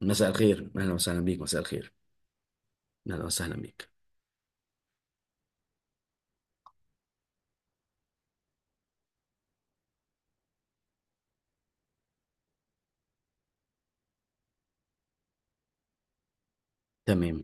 مساء الخير، اهلا وسهلا بيك. مساء الخير، اهلا وسهلا بيك. تمام.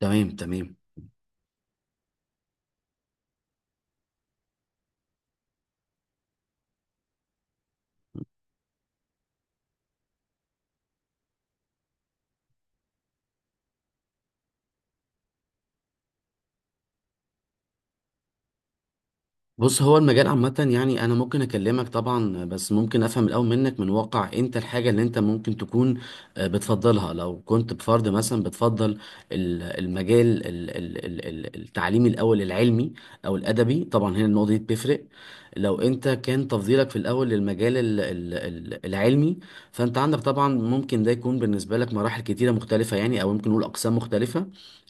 تمام. تمام. بص، هو المجال عامة يعني أنا ممكن أكلمك طبعا، بس ممكن أفهم الأول منك، من واقع أنت الحاجة اللي أنت ممكن تكون بتفضلها. لو كنت بفرد مثلا، بتفضل المجال التعليمي الأول، العلمي أو الأدبي؟ طبعا هنا النقطة دي بتفرق. لو أنت كان تفضيلك في الأول للمجال العلمي، فأنت عندك طبعا ممكن ده يكون بالنسبة لك مراحل كتيرة مختلفة يعني، أو ممكن نقول أقسام مختلفة.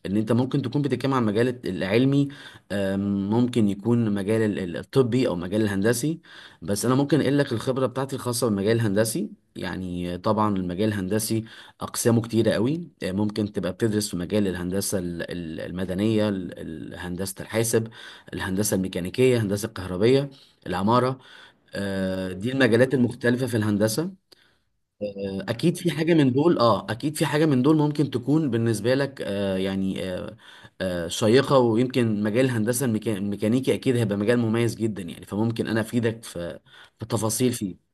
ان انت ممكن تكون بتتكلم عن المجال العلمي، ممكن يكون مجال الطبي او مجال الهندسي. بس انا ممكن اقول لك الخبره بتاعتي الخاصه بالمجال الهندسي. يعني طبعا المجال الهندسي اقسامه كتيره قوي. ممكن تبقى بتدرس في مجال الهندسه المدنيه، هندسه الحاسب، الهندسه الميكانيكيه، الهندسه الكهربيه، العماره. دي المجالات المختلفه في الهندسه. اكيد في حاجه من دول ممكن تكون بالنسبه لك، يعني شيقه. ويمكن مجال الهندسه الميكانيكي اكيد هيبقى مجال مميز جدا يعني، فممكن انا افيدك في تفاصيل فيه.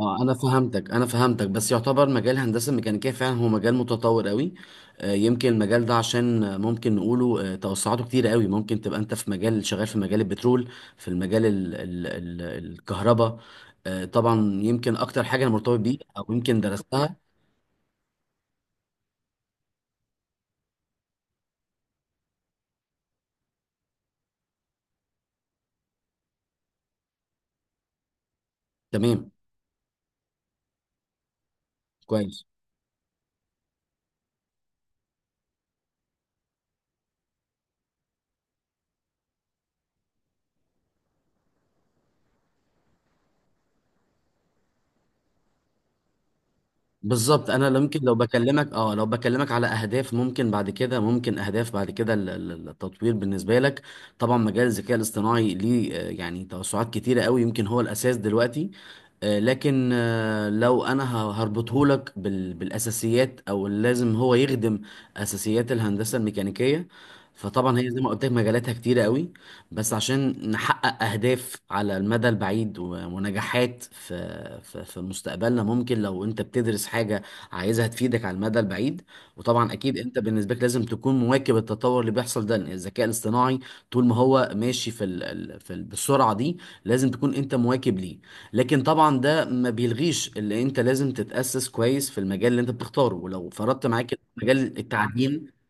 اه انا فهمتك، بس يعتبر مجال الهندسه الميكانيكيه فعلا هو مجال متطور قوي. يمكن المجال ده عشان، ممكن نقوله توسعاته كتير قوي، ممكن تبقى انت في مجال شغال في مجال البترول، في المجال ال ال ال الكهرباء. طبعا يمكن اكتر حاجه انا مرتبط بيه او يمكن درستها. تمام. كويس. بالظبط. انا لو ممكن لو بكلمك اه لو بكلمك على اهداف، ممكن بعد كده ممكن اهداف بعد كده ال- ال- التطوير بالنسبه لك. طبعا مجال الذكاء الاصطناعي ليه يعني توسعات كتيره قوي، يمكن هو الاساس دلوقتي. لكن لو انا هربطهولك بالاساسيات، او لازم هو يخدم اساسيات الهندسه الميكانيكيه. فطبعا هي زي ما قلت لك مجالاتها كتيره قوي، بس عشان نحقق اهداف على المدى البعيد ونجاحات في مستقبلنا، ممكن لو انت بتدرس حاجه عايزها تفيدك على المدى البعيد. وطبعا اكيد انت بالنسبه لك لازم تكون مواكب التطور اللي بيحصل ده، لأن الذكاء الاصطناعي طول ما هو ماشي في ال- ال- في ال- بالسرعه دي، لازم تكون انت مواكب ليه. لكن طبعا ده ما بيلغيش اللي انت لازم تتأسس كويس في المجال اللي انت بتختاره، ولو فرضت معاك مجال التعدين.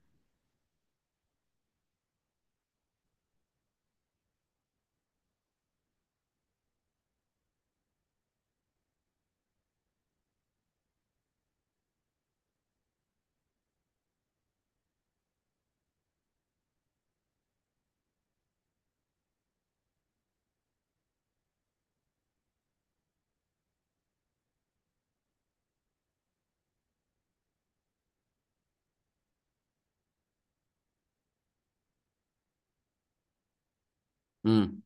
امم.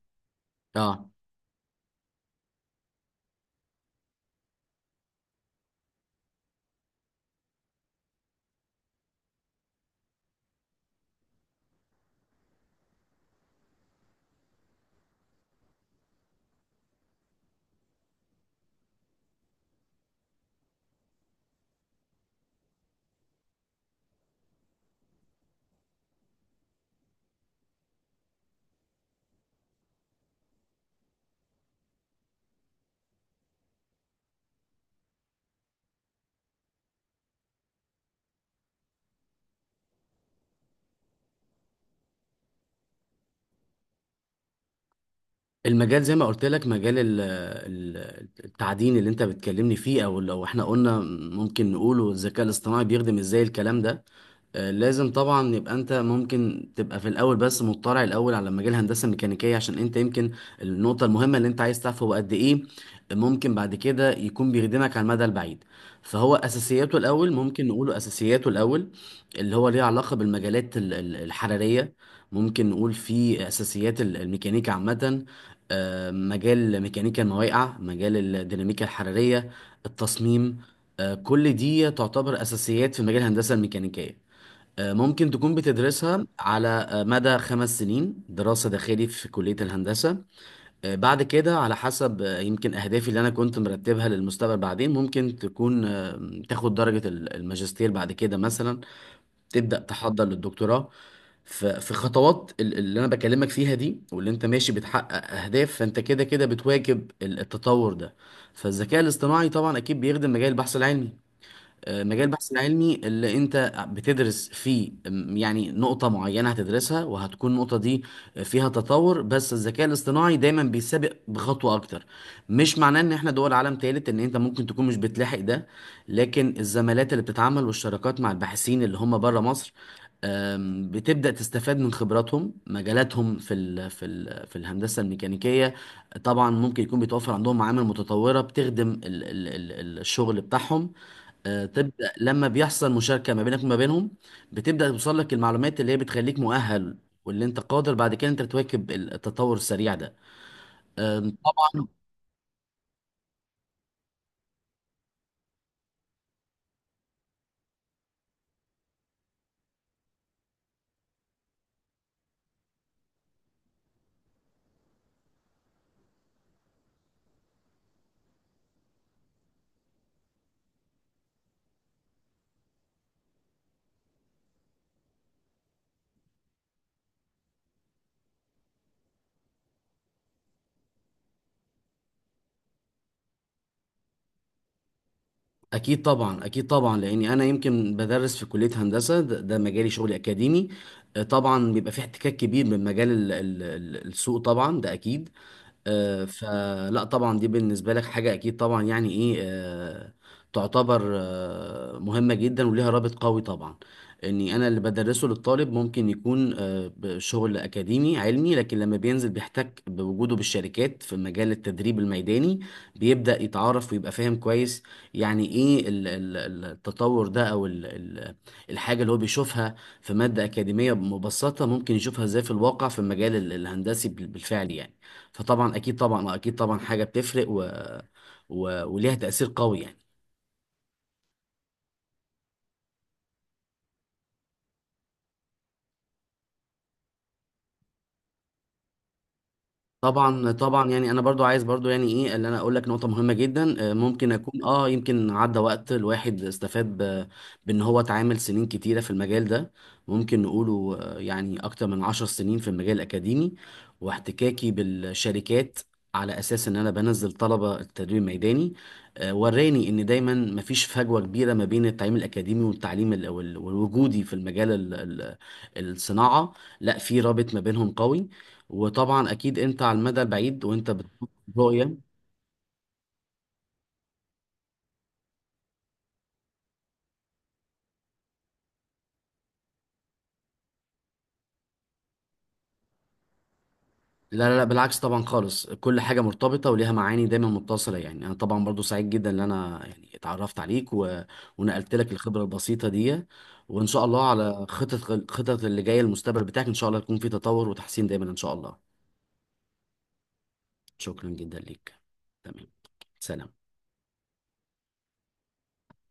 اه. المجال زي ما قلت لك، مجال التعدين اللي انت بتكلمني فيه، او لو احنا قلنا ممكن نقوله الذكاء الاصطناعي بيخدم ازاي الكلام ده. لازم طبعا يبقى انت ممكن تبقى في الاول، بس مطلع الاول على مجال الهندسه الميكانيكيه، عشان انت يمكن النقطه المهمه اللي انت عايز تعرفه هو قد ايه ممكن بعد كده يكون بيخدمك على المدى البعيد. فهو اساسياته الاول، ممكن نقوله اساسياته الاول اللي هو ليه علاقه بالمجالات الحراريه، ممكن نقول فيه اساسيات الميكانيكا عامه، مجال ميكانيكا المواقع، مجال الديناميكا الحرارية، التصميم. كل دي تعتبر أساسيات في مجال الهندسة الميكانيكية. ممكن تكون بتدرسها على مدى 5 سنين دراسة داخلي في كلية الهندسة. بعد كده على حسب يمكن أهدافي اللي أنا كنت مرتبها للمستقبل، بعدين ممكن تكون تاخد درجة الماجستير بعد كده مثلا، تبدأ تحضر للدكتوراه. في خطوات اللي انا بكلمك فيها دي، واللي انت ماشي بتحقق اهداف، فانت كده كده بتواكب التطور ده. فالذكاء الاصطناعي طبعا اكيد بيخدم مجال البحث العلمي. مجال البحث العلمي اللي انت بتدرس فيه، يعني نقطة معينة هتدرسها وهتكون النقطة دي فيها تطور، بس الذكاء الاصطناعي دايما بيسابق بخطوة اكتر. مش معناه ان احنا دول عالم تالت ان انت ممكن تكون مش بتلاحق ده، لكن الزمالات اللي بتتعامل والشراكات مع الباحثين اللي هم بره مصر، بتبدأ تستفاد من خبراتهم، مجالاتهم في الهندسة الميكانيكية. طبعا ممكن يكون بيتوفر عندهم معامل متطورة بتخدم الشغل بتاعهم. تبدأ لما بيحصل مشاركة ما بينك وما بينهم، بتبدأ توصل لك المعلومات اللي هي بتخليك مؤهل، واللي انت قادر بعد كده انت تواكب التطور السريع ده. طبعا. اكيد طبعا، اكيد طبعا، لاني انا يمكن بدرس في كليه هندسه، ده مجالي شغلي اكاديمي. طبعا بيبقى في احتكاك كبير من مجال السوق، طبعا ده اكيد. فلا طبعا دي بالنسبة لك حاجة أكيد طبعا يعني إيه، تعتبر مهمة جدا وليها رابط قوي طبعا. إني أنا اللي بدرسه للطالب ممكن يكون بشغل أكاديمي علمي، لكن لما بينزل بيحتك بوجوده بالشركات في مجال التدريب الميداني، بيبدأ يتعرف ويبقى فاهم كويس يعني إيه التطور ده، أو الحاجة اللي هو بيشوفها في مادة أكاديمية مبسطة ممكن يشوفها إزاي في الواقع في المجال الهندسي بالفعل يعني. فطبعا اكيد طبعا اكيد طبعا حاجه بتفرق وليها تاثير قوي يعني. طبعا طبعا، يعني انا برضو عايز برضو يعني ايه اللي انا اقول لك نقطه مهمه جدا. ممكن اكون يمكن عدى وقت الواحد استفاد بان هو اتعامل سنين كتيره في المجال ده. ممكن نقوله يعني اكتر من 10 سنين في المجال الاكاديمي، واحتكاكي بالشركات على اساس ان انا بنزل طلبه التدريب الميداني. وراني ان دايما مفيش فجوه كبيره ما بين التعليم الاكاديمي والتعليم والوجودي في المجال الصناعه. لا، في رابط ما بينهم قوي. وطبعا اكيد انت على المدى البعيد وانت بتحط رؤيه. لا، لا، لا، بالعكس طبعا خالص، كل حاجه مرتبطه وليها معاني دايما متصله يعني. انا طبعا برضو سعيد جدا ان انا يعني اتعرفت عليك، ونقلت لك الخبره البسيطه دي. وان شاء الله على خطط، خطط اللي جايه المستقبل بتاعك، ان شاء الله يكون في تطور وتحسين دايما ان شاء الله. شكرا جدا ليك. تمام. سلام.